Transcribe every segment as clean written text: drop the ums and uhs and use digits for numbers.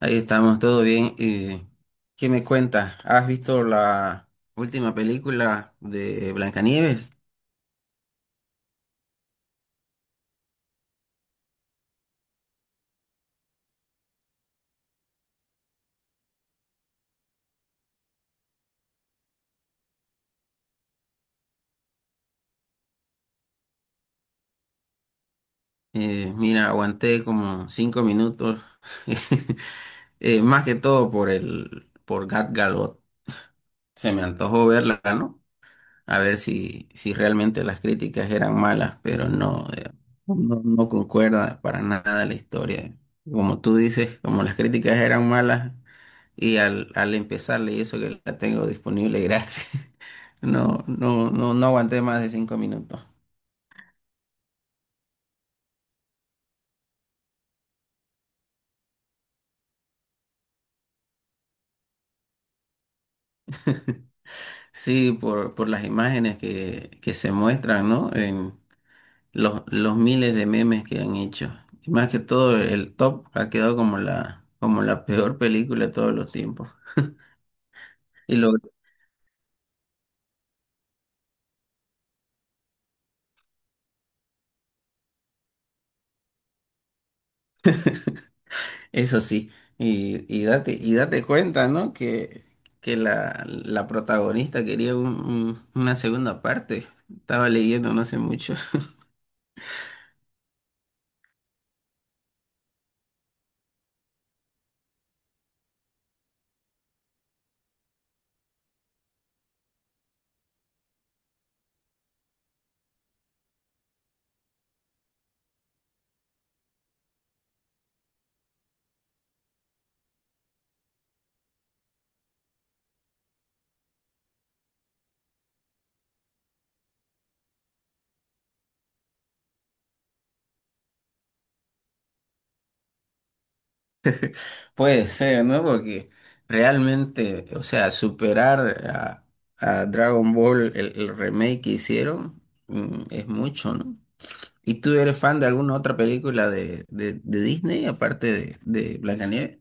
Ahí estamos, todo bien. ¿Qué me cuentas? ¿Has visto la última película de Blancanieves? Mira, aguanté como 5 minutos. Más que todo por Gat Gadot. Se me antojó verla, ¿no? A ver si realmente las críticas eran malas, pero no, no, no concuerda para nada la historia. Como tú dices, como las críticas eran malas y al empezar, y eso que la tengo disponible gratis. No, no, no, no aguanté más de 5 minutos. Sí, por las imágenes que se muestran, ¿no? En los miles de memes que han hecho. Y más que todo, el top ha quedado como la peor película de todos los tiempos. Y lo Eso sí, y date cuenta, ¿no? Que la protagonista quería una segunda parte. Estaba leyendo, no sé mucho. Puede ser, ¿no? Porque realmente, o sea, superar a, a Dragon Ball, el remake que hicieron, es mucho, ¿no? ¿Y tú eres fan de alguna otra película de Disney, aparte de Blancanieves?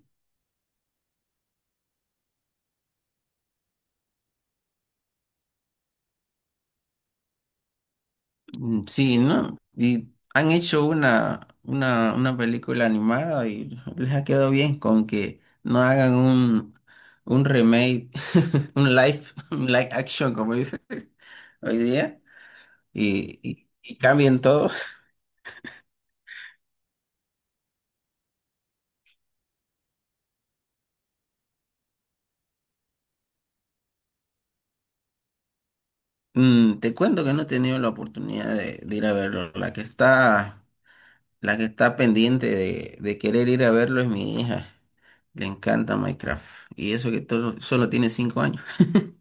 Mm, sí, ¿no? Y han hecho una película animada, y les ha quedado bien con que no hagan un remake, un live, un live action, como dicen hoy día, y cambien todo. Te cuento que no he tenido la oportunidad de ir a verlo. La que está pendiente de querer ir a verlo es mi hija. Le encanta Minecraft. Y eso que solo tiene 5 años.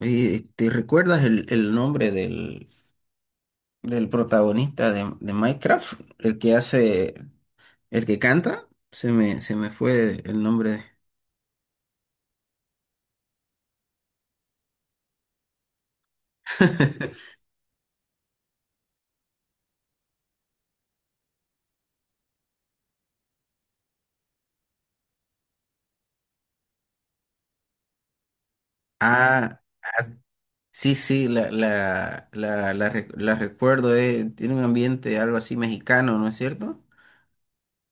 ¿Te recuerdas el nombre del protagonista de Minecraft? El que canta. Se me fue el nombre. Ah, ah, sí, sí, la recuerdo. Tiene un ambiente algo así mexicano, ¿no es cierto?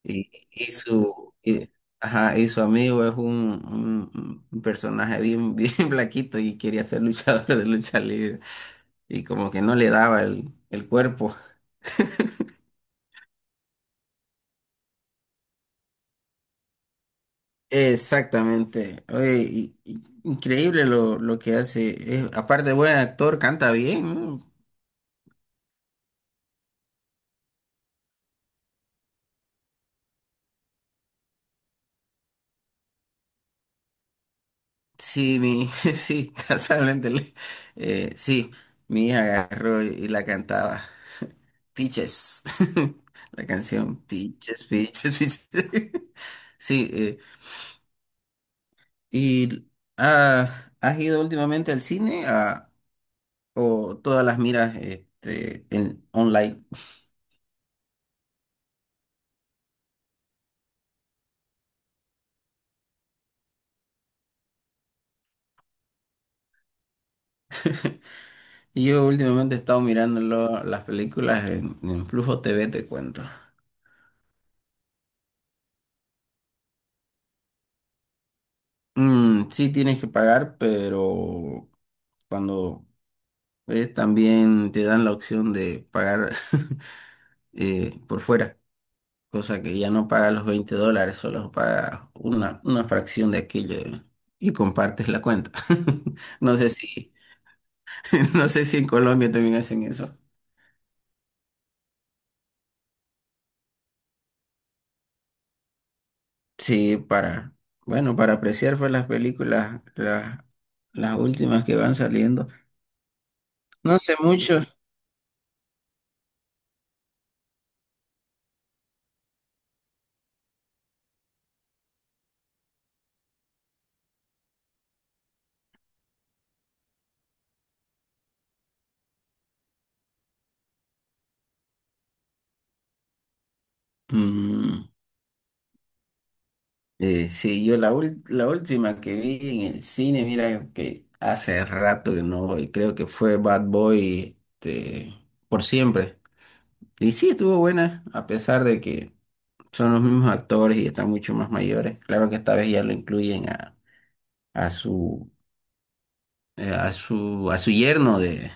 Y, y su, y- ajá, y su amigo es un personaje bien, bien blaquito, y quería ser luchador de lucha libre. Y como que no le daba el cuerpo. Exactamente. Oye, increíble lo que hace. Aparte, buen actor, canta bien, ¿no? Sí, sí, casualmente. Sí, mi hija agarró y la cantaba. Peaches. La canción Peaches, Peaches, Peaches. Sí, y ¿has ido últimamente al cine, o todas las miras, en online? Y yo últimamente he estado mirando las películas en Flujo TV, te cuento. Sí, tienes que pagar, pero cuando ves también te dan la opción de pagar por fuera, cosa que ya no pagas los 20 dólares, solo pagas una fracción de aquello, y compartes la cuenta. No sé si, no sé si en Colombia también hacen eso. Sí, bueno, para apreciar pues las películas, las últimas que van saliendo. No hace mucho. Mm, sí, yo la última que vi en el cine, mira que hace rato que no voy, creo que fue Bad Boy, por siempre. Y sí, estuvo buena, a pesar de que son los mismos actores y están mucho más mayores. Claro que esta vez ya lo incluyen a su, a su yerno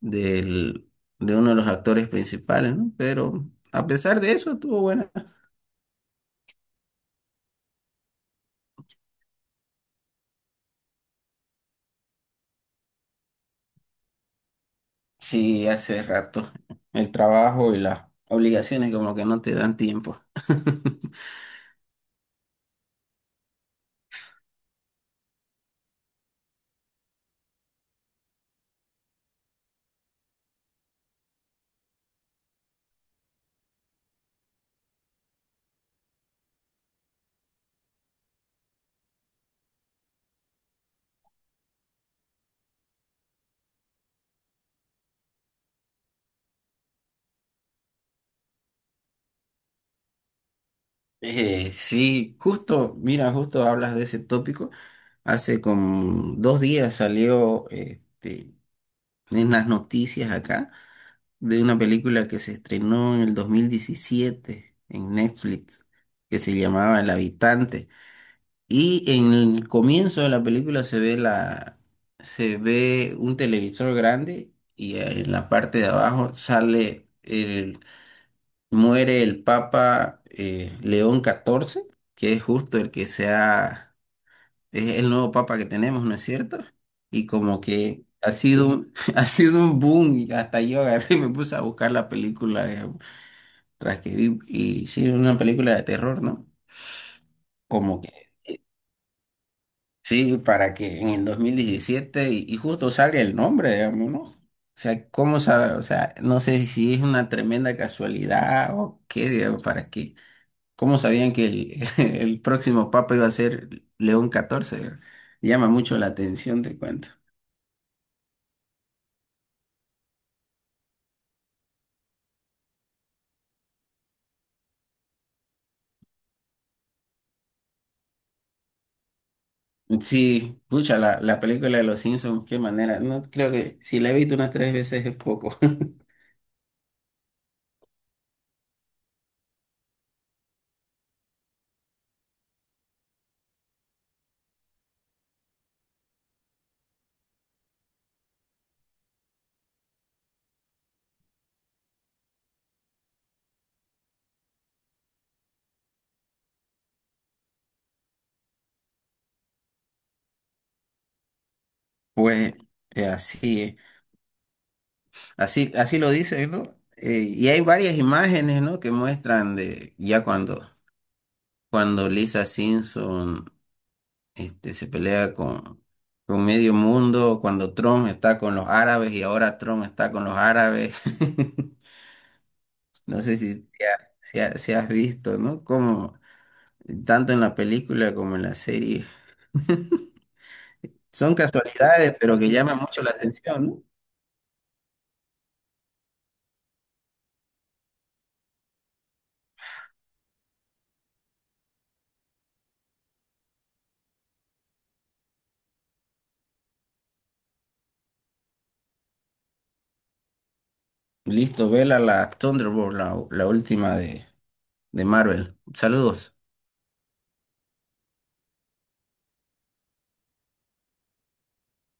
del, de uno de los actores principales, ¿no? Pero a pesar de eso, estuvo buena. Sí, hace rato. El trabajo y las obligaciones como que no te dan tiempo. Sí, justo, mira, justo hablas de ese tópico. Hace como 2 días salió, en las noticias acá, de una película que se estrenó en el 2017 en Netflix, que se llamaba El Habitante. Y en el comienzo de la película se ve un televisor grande, y en la parte de abajo sale muere el Papa, León XIV, que es justo es el nuevo Papa que tenemos, ¿no es cierto? Y como que ha sido, sí, ha sido un boom, y hasta yo agarré y me puse a buscar la película, tras que vi, y sí, una película de terror, ¿no? Como Sí, para que en el 2017 y justo sale el nombre, digamos, ¿no? O sea, ¿cómo sabe? O sea, no sé si es una tremenda casualidad o qué, digamos, para qué. ¿Cómo sabían que el próximo papa iba a ser León XIV, digamos? Llama mucho la atención, te cuento. Sí, pucha, la película de los Simpsons, qué manera. No creo que si la he visto unas 3 veces es poco. Pues así es. Así, así lo dice, ¿no? Y hay varias imágenes, ¿no?, que muestran de ya cuando Lisa Simpson, se pelea con medio mundo, cuando Trump está con los árabes, y ahora Trump está con los árabes. No sé si, te ha- si, ha- si has visto, ¿no? Como tanto en la película como en la serie. Son casualidades, pero que llaman mucho la atención, ¿no? Listo, vela la Thunderbolt, la última de Marvel. Saludos.